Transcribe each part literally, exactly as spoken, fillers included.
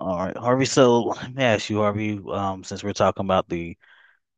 All right, Harvey. So let me ask you, Harvey, um, since we're talking about the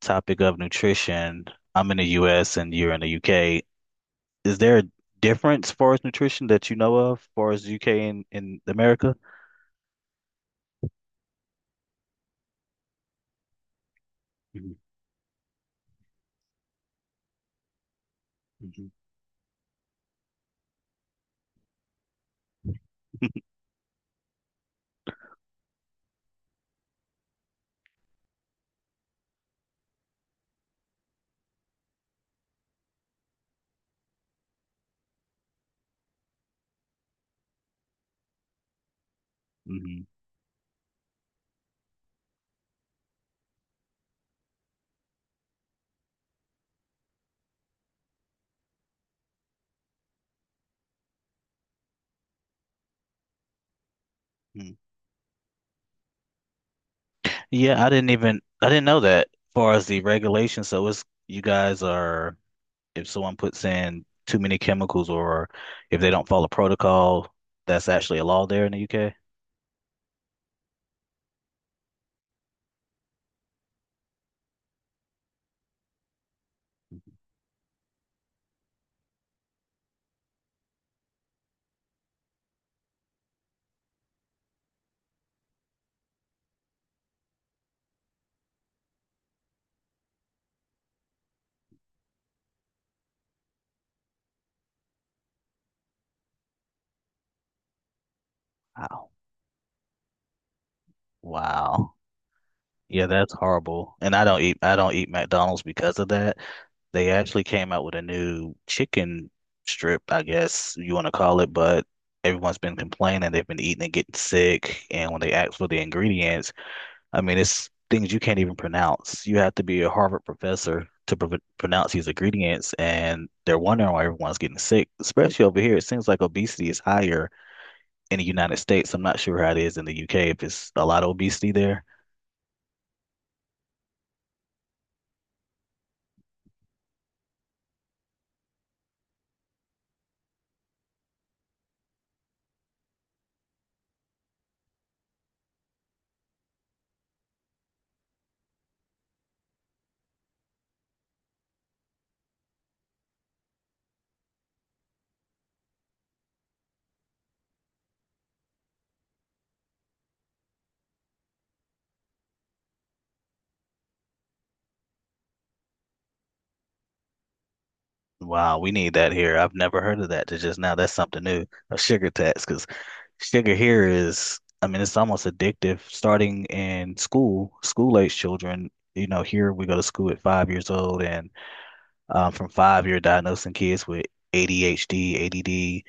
topic of nutrition, I'm in the U S and you're in the U K. Is there a difference as far as nutrition that you know of, as far as U K and in America? Mhm, mhm, mhm. Mm. Yeah, I didn't even I didn't know that as far as the regulation. So it's you guys are if someone puts in too many chemicals or if they don't follow protocol, that's actually a law there in the U K. Wow. Wow. Yeah, that's horrible. And I don't eat I don't eat McDonald's because of that. They actually came out with a new chicken strip, I guess you want to call it, but everyone's been complaining they've been eating and getting sick. And when they ask for the ingredients, I mean, it's things you can't even pronounce. You have to be a Harvard professor to pr pronounce these ingredients, and they're wondering why everyone's getting sick, especially over here. It seems like obesity is higher in the United States. I'm not sure how it is in the U K, if it's a lot of obesity there. Wow, we need that here. I've never heard of that to just now. That's something new, a sugar tax, because sugar here is, I mean, it's almost addictive. Starting in school, school age children, you know, here we go to school at five years old, and um, from five year diagnosing kids with A D H D, A D D,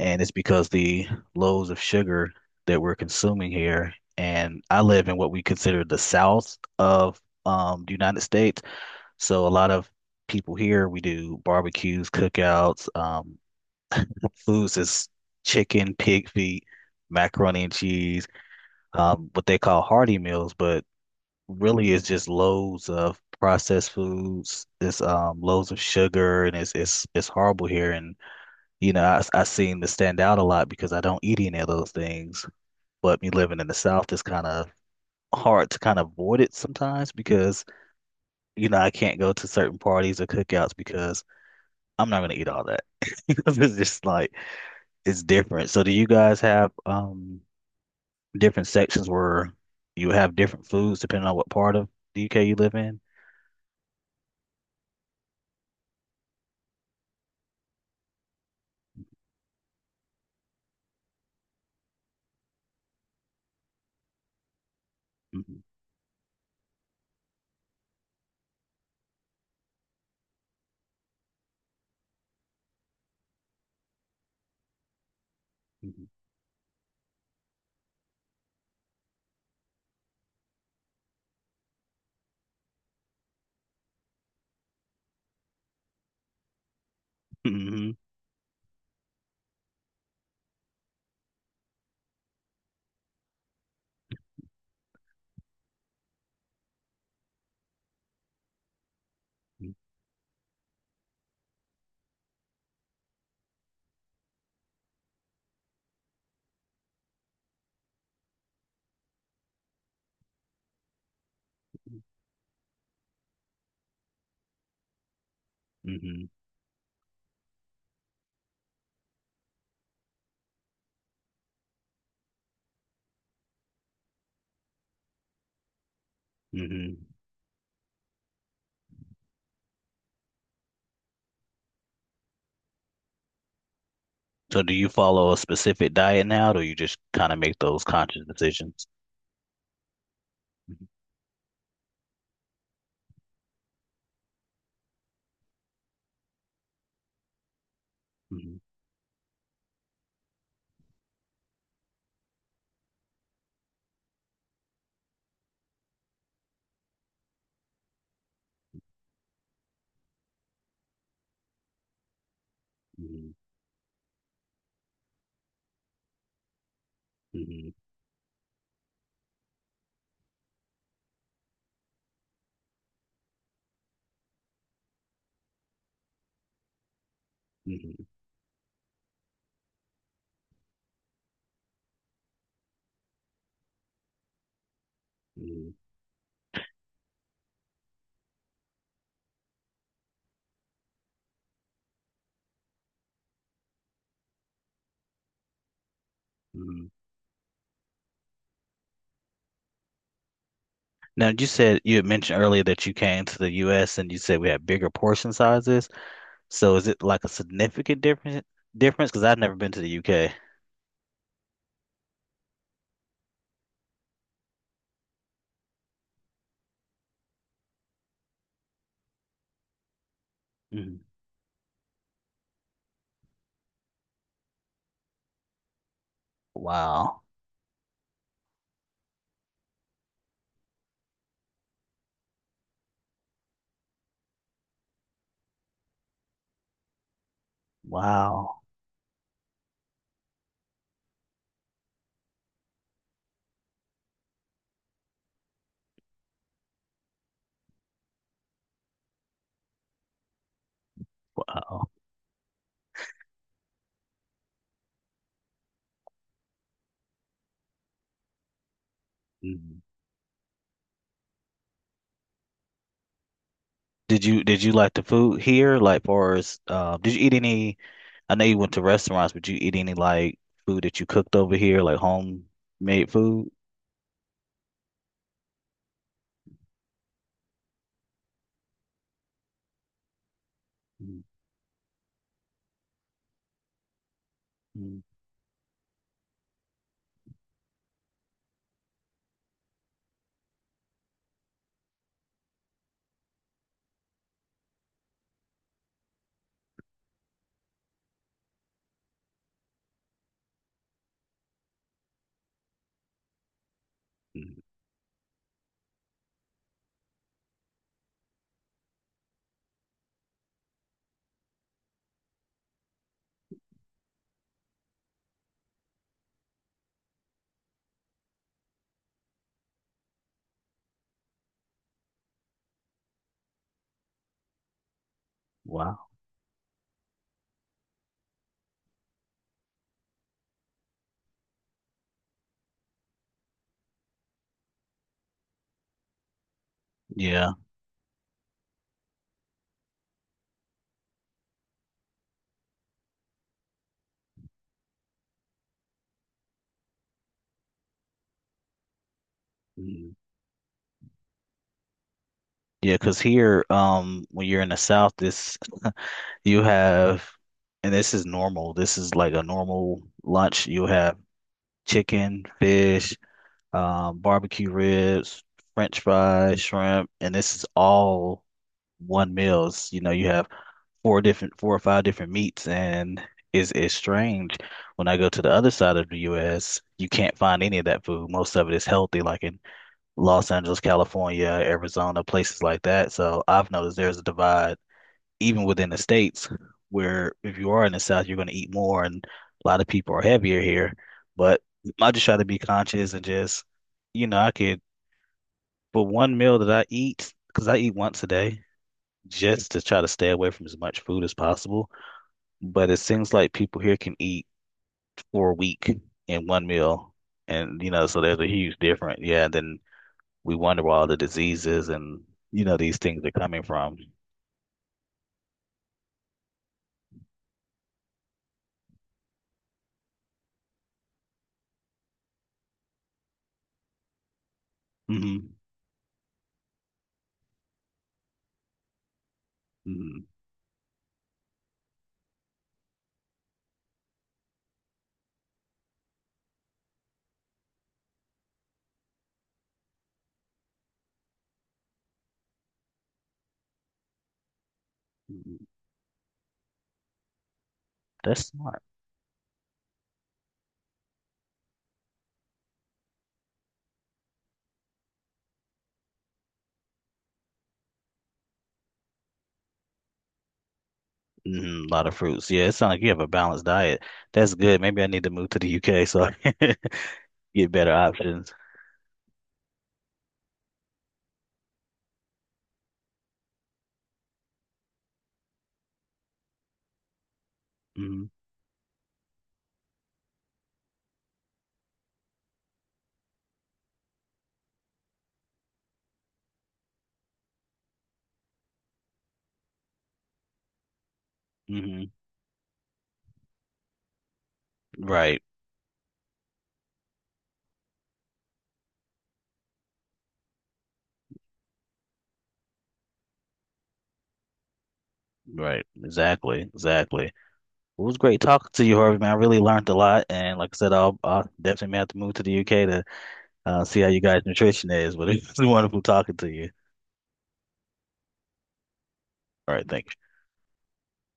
and it's because the loads of sugar that we're consuming here. And I live in what we consider the South of um, the United States, so a lot of people here we do barbecues, cookouts, um, foods is chicken, pig feet, macaroni and cheese, um, what they call hearty meals, but really is just loads of processed foods. It's um loads of sugar and it's it's it's horrible here. And you know, I I seem to stand out a lot because I don't eat any of those things. But me living in the South is kind of hard to kind of avoid it sometimes because you know I can't go to certain parties or cookouts because I'm not gonna eat all that. Because it's just like it's different. So do you guys have um different sections where you have different foods depending on what part of the U K you live in? Mhm. Hmm. Hmm. Hmm. So do you follow a specific diet now, or you just kind of make those conscious decisions? Hmm. Hmm. Hmm. Hmm. Hmm. Hmm. Now you said you had mentioned earlier that you came to the U S and you said we had bigger portion sizes. So is it like a significant difference difference? Because I've never been to the U K. Mhm. Wow. Wow. Wow. Mhm. Did you did you like the food here? Like for us, uh, did you eat any I know you went to restaurants, but you eat any like food that you cooked over here, like homemade food? Mm, mm, mm. Wow. Yeah. Mm. Yeah, because here, um, when you're in the South, this you have, and this is normal. This is like a normal lunch. You have chicken, fish, um, barbecue ribs, French fries, shrimp, and this is all one meals. You know, you have four different four or five different meats and it's it's strange. When I go to the other side of the U S, you can't find any of that food. Most of it is healthy, like in Los Angeles, California, Arizona, places like that. So I've noticed there's a divide even within the states where if you are in the South, you're going to eat more and a lot of people are heavier here. But I just try to be conscious and just, you know, I could for one meal that I eat, because I eat once a day, just to try to stay away from as much food as possible but it seems like people here can eat for a week in one meal. And, you know, so there's a huge difference. Yeah, then we wonder where all the diseases and, you know, these things are coming from. Hmm. Hmm. That's smart. Hmm. A lot of fruits. Yeah, it sounds like you have a balanced diet. That's good. Maybe I need to move to the U K so I can get better options. Hmm. Hmm. Right. Right. Exactly. Exactly. Well, it was great talking to you, Harvey, man. I really learned a lot. And like I said, I'll, I'll definitely may have to move to the U K to uh, see how you guys' nutrition is, but it's wonderful talking to you. All right, thanks.